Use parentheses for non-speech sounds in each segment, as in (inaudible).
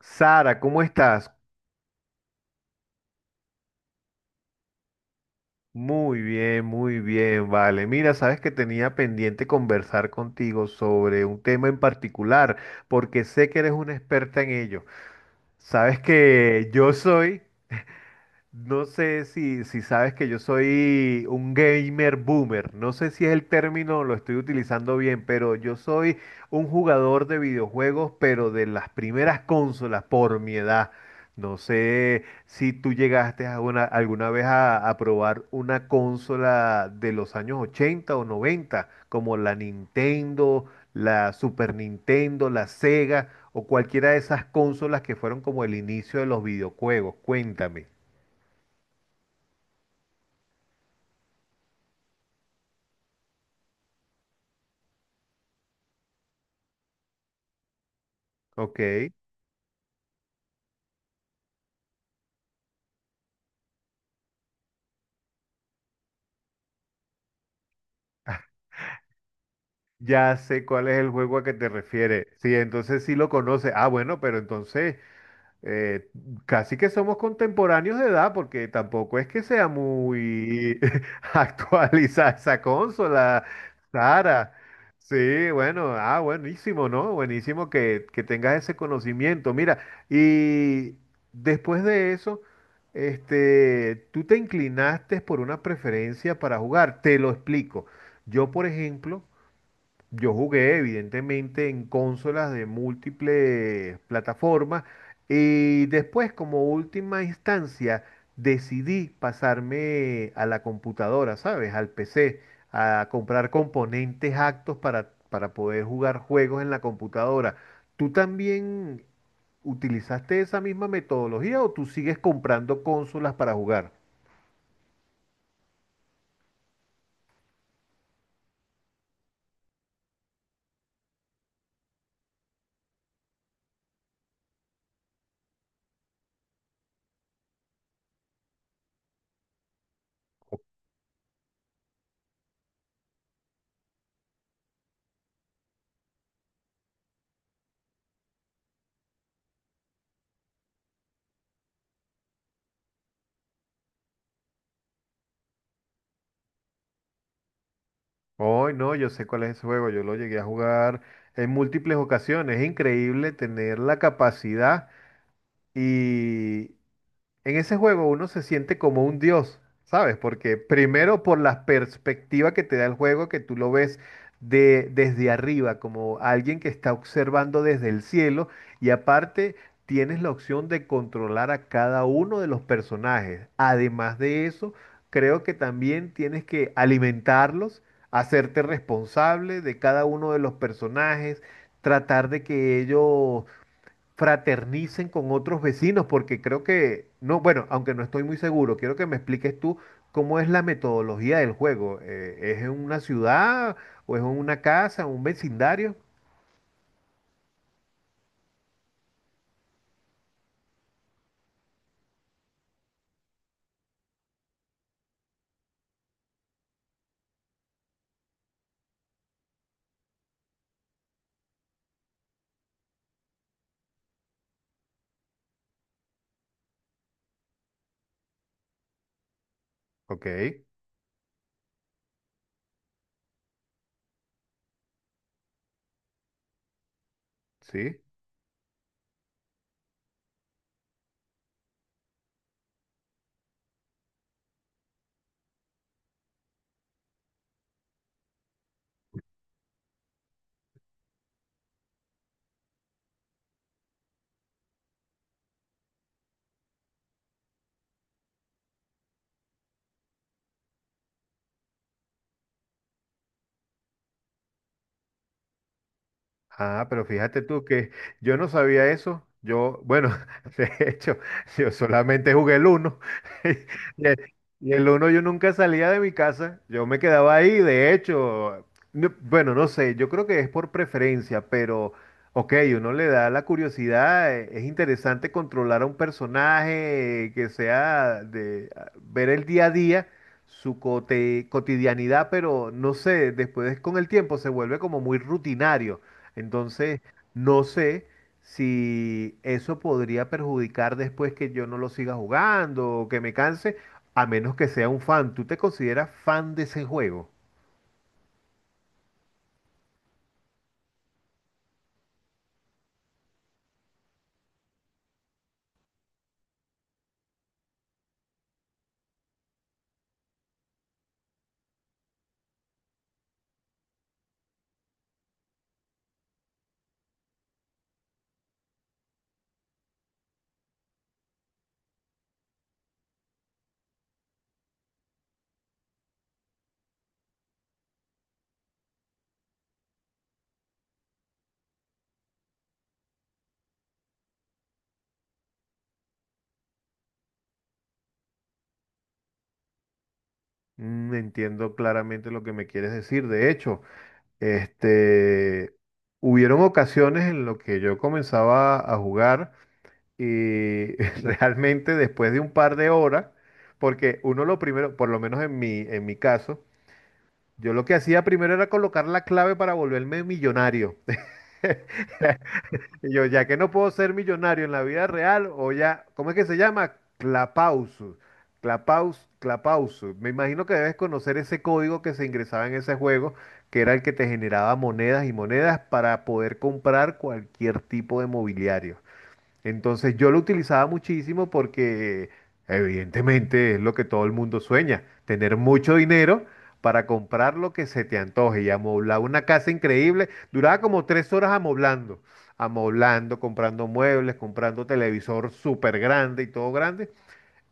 Sara, ¿cómo estás? Muy bien, vale. Mira, sabes que tenía pendiente conversar contigo sobre un tema en particular, porque sé que eres una experta en ello. Sabes que yo soy. No sé si sabes que yo soy un gamer boomer. No sé si es el término, lo estoy utilizando bien, pero yo soy un jugador de videojuegos, pero de las primeras consolas por mi edad. No sé si tú llegaste alguna vez a probar una consola de los años 80 o 90, como la Nintendo, la Super Nintendo, la Sega o cualquiera de esas consolas que fueron como el inicio de los videojuegos. Cuéntame. Ok, ya sé cuál es el juego a que te refieres. Sí, entonces sí lo conoce. Ah, bueno, pero entonces eh, casi que somos contemporáneos de edad, porque tampoco es que sea muy (laughs) actualizada esa consola, Sara. Sí, bueno, buenísimo, ¿no? Buenísimo que tengas ese conocimiento. Mira, y después de eso, tú te inclinaste por una preferencia para jugar. Te lo explico. Yo, por ejemplo. Yo jugué, evidentemente, en consolas de múltiples plataformas y después, como última instancia, decidí pasarme a la computadora, ¿sabes? Al PC, a comprar componentes actos para poder jugar juegos en la computadora. ¿Tú también utilizaste esa misma metodología o tú sigues comprando consolas para jugar? Hoy no, yo sé cuál es ese juego, yo lo llegué a jugar en múltiples ocasiones. Es increíble tener la capacidad y, en ese juego uno se siente como un dios, ¿sabes? Porque primero por la perspectiva que te da el juego, que tú lo ves desde arriba, como alguien que está observando desde el cielo, y aparte tienes la opción de controlar a cada uno de los personajes. Además de eso, creo que también tienes que alimentarlos, hacerte responsable de cada uno de los personajes, tratar de que ellos fraternicen con otros vecinos, porque creo que, no, bueno, aunque no estoy muy seguro, quiero que me expliques tú cómo es la metodología del juego. ¿Es en una ciudad o es en una casa, un vecindario? Ok, sí. Ah, pero fíjate tú que yo no sabía eso. Yo, bueno, (laughs) de hecho, yo solamente jugué el uno. (laughs) Y el, y el uno yo nunca salía de mi casa. Yo me quedaba ahí, de hecho. No, bueno, no sé, yo creo que es por preferencia, pero, ok, uno le da la curiosidad. Es interesante controlar a un personaje que sea de ver el día a día, su cotidianidad, pero no sé, después con el tiempo se vuelve como muy rutinario. Entonces, no sé si eso podría perjudicar después que yo no lo siga jugando o que me canse, a menos que sea un fan. ¿Tú te consideras fan de ese juego? Mm, entiendo claramente lo que me quieres decir. De hecho, este, hubieron ocasiones en las que yo comenzaba a jugar y (laughs) realmente después de un par de horas, porque uno lo primero, por lo menos en en mi caso, yo lo que hacía primero era colocar la clave para volverme millonario. (laughs) Y yo, ya que no puedo ser millonario en la vida real, o ya, ¿cómo es que se llama? Clapausus. Clapaus, Clapausus. Me imagino que debes conocer ese código que se ingresaba en ese juego, que era el que te generaba monedas y monedas para poder comprar cualquier tipo de mobiliario. Entonces yo lo utilizaba muchísimo porque evidentemente es lo que todo el mundo sueña, tener mucho dinero para comprar lo que se te antoje y amoblar una casa increíble. Duraba como tres horas amoblando, comprando muebles, comprando televisor súper grande y todo grande.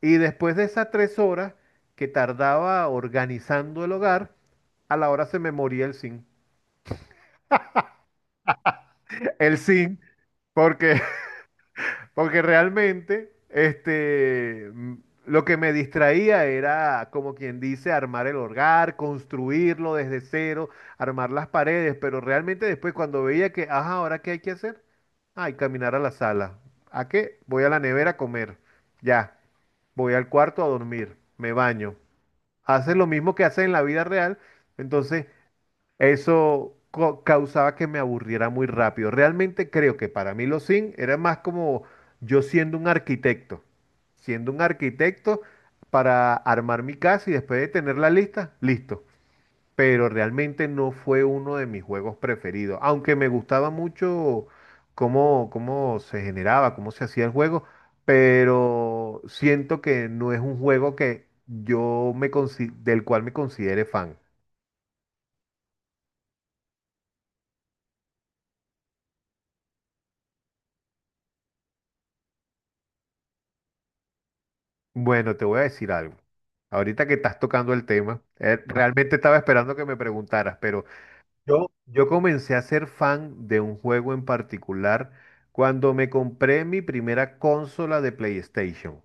Y después de esas tres horas que tardaba organizando el hogar, a la hora se me moría el zinc. El zinc, porque porque realmente, mm, lo que me distraía era, como quien dice, armar el hogar, construirlo desde cero, armar las paredes, pero realmente después cuando veía que, ajá, ¿ahora qué hay que hacer? Ay, caminar a la sala. ¿A qué? Voy a la nevera a comer. Ya, voy al cuarto a dormir, me baño. Haces lo mismo que haces en la vida real, entonces eso causaba que me aburriera muy rápido. Realmente creo que para mí los Sims era más como yo siendo un arquitecto, siendo un arquitecto, para armar mi casa y después de tener la lista, listo. Pero realmente no fue uno de mis juegos preferidos, aunque me gustaba mucho cómo se generaba, cómo se hacía el juego, pero siento que no es un juego que yo me del cual me considere fan. Bueno, te voy a decir algo. Ahorita que estás tocando el tema, realmente estaba esperando que me preguntaras, pero yo comencé a ser fan de un juego en particular cuando me compré mi primera consola de PlayStation.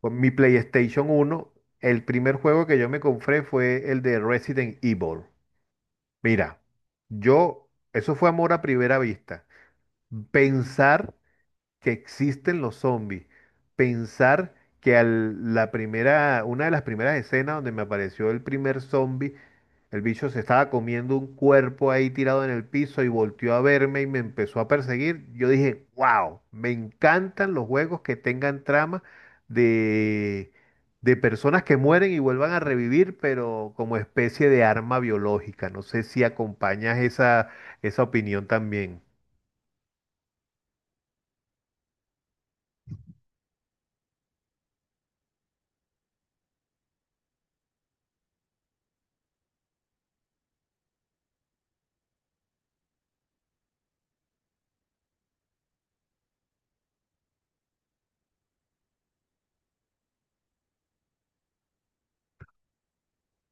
Con mi PlayStation uno, el primer juego que yo me compré fue el de Resident Evil. Mira, yo, eso fue amor a primera vista. Pensar que existen los zombies. Pensar que la primera, una de las primeras escenas donde me apareció el primer zombie, el bicho se estaba comiendo un cuerpo ahí tirado en el piso y volteó a verme y me empezó a perseguir. Yo dije, wow, me encantan los juegos que tengan trama de, de personas que mueren y vuelvan a revivir, pero como especie de arma biológica. No sé si acompañas esa opinión también.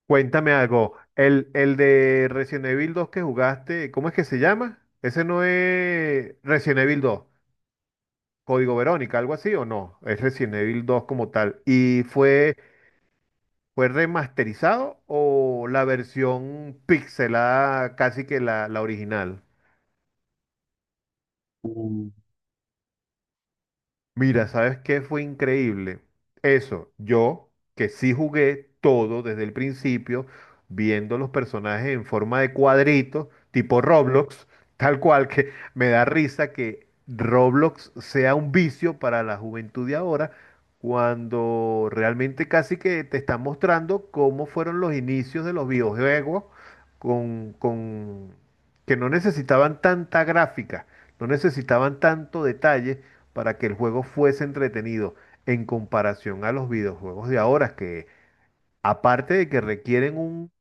Cuéntame algo. El de Resident Evil dos que jugaste, ¿cómo es que se llama? Ese no es Resident Evil dos. Código Verónica, algo así o no. Es Resident Evil dos como tal. ¿Y fue remasterizado o la versión pixelada casi que la original? Mira, ¿sabes qué fue increíble? Eso, yo que sí jugué todo desde el principio, viendo los personajes en forma de cuadritos, tipo Roblox, (laughs) tal cual que me da risa que Roblox sea un vicio para la juventud de ahora, cuando realmente casi que te están mostrando cómo fueron los inicios de los videojuegos con que no necesitaban tanta gráfica, no necesitaban tanto detalle para que el juego fuese entretenido en comparación a los videojuegos de ahora, que aparte de que requieren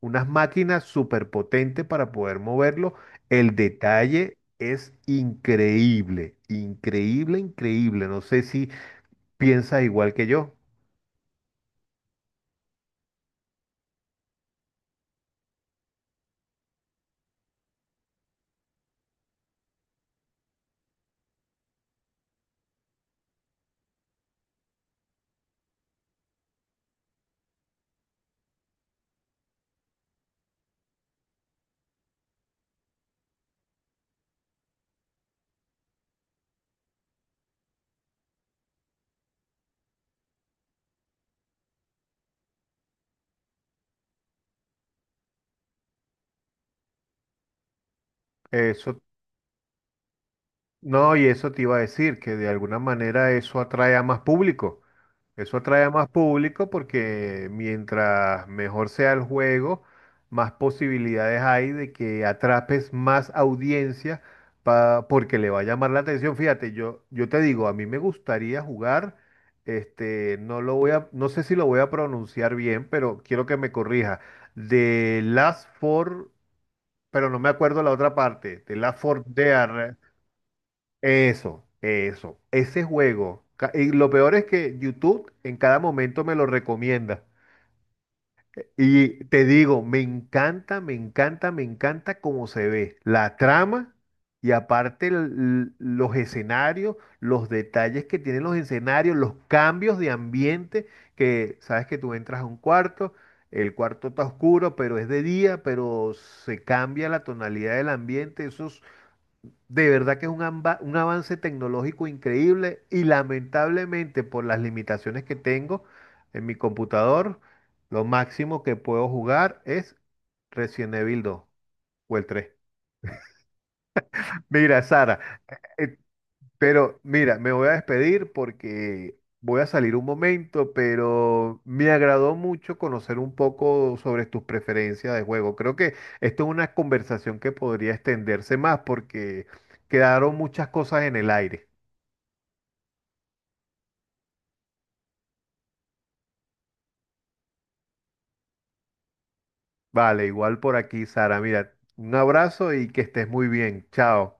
unas máquinas superpotentes para poder moverlo, el detalle es increíble, increíble, increíble. No sé si piensas igual que yo. Eso No, y eso te iba a decir, que de alguna manera eso atrae a más público. Eso atrae a más público porque mientras mejor sea el juego, más posibilidades hay de que atrapes más audiencia porque le va a llamar la atención. Fíjate, yo te digo, a mí me gustaría jugar, no lo voy a, no sé si lo voy a pronunciar bien, pero quiero que me corrija. De Last Four, pero no me acuerdo la otra parte, de Last Four Dead. Eso, ese juego. Y lo peor es que YouTube en cada momento me lo recomienda. Y te digo, me encanta, me encanta, me encanta cómo se ve la trama y aparte los escenarios, los detalles que tienen los escenarios, los cambios de ambiente, que sabes que tú entras a un cuarto, el cuarto está oscuro, pero es de día, pero se cambia la tonalidad del ambiente, eso de verdad que es un, un avance tecnológico increíble y lamentablemente por las limitaciones que tengo en mi computador, lo máximo que puedo jugar es Resident Evil 2 o el 3. Mira, Sara, eh, pero mira, me voy a despedir porque voy a salir un momento, pero me agradó mucho conocer un poco sobre tus preferencias de juego. Creo que esto es una conversación que podría extenderse más porque quedaron muchas cosas en el aire. Vale, igual por aquí, Sara. Mira, un abrazo y que estés muy bien. Chao.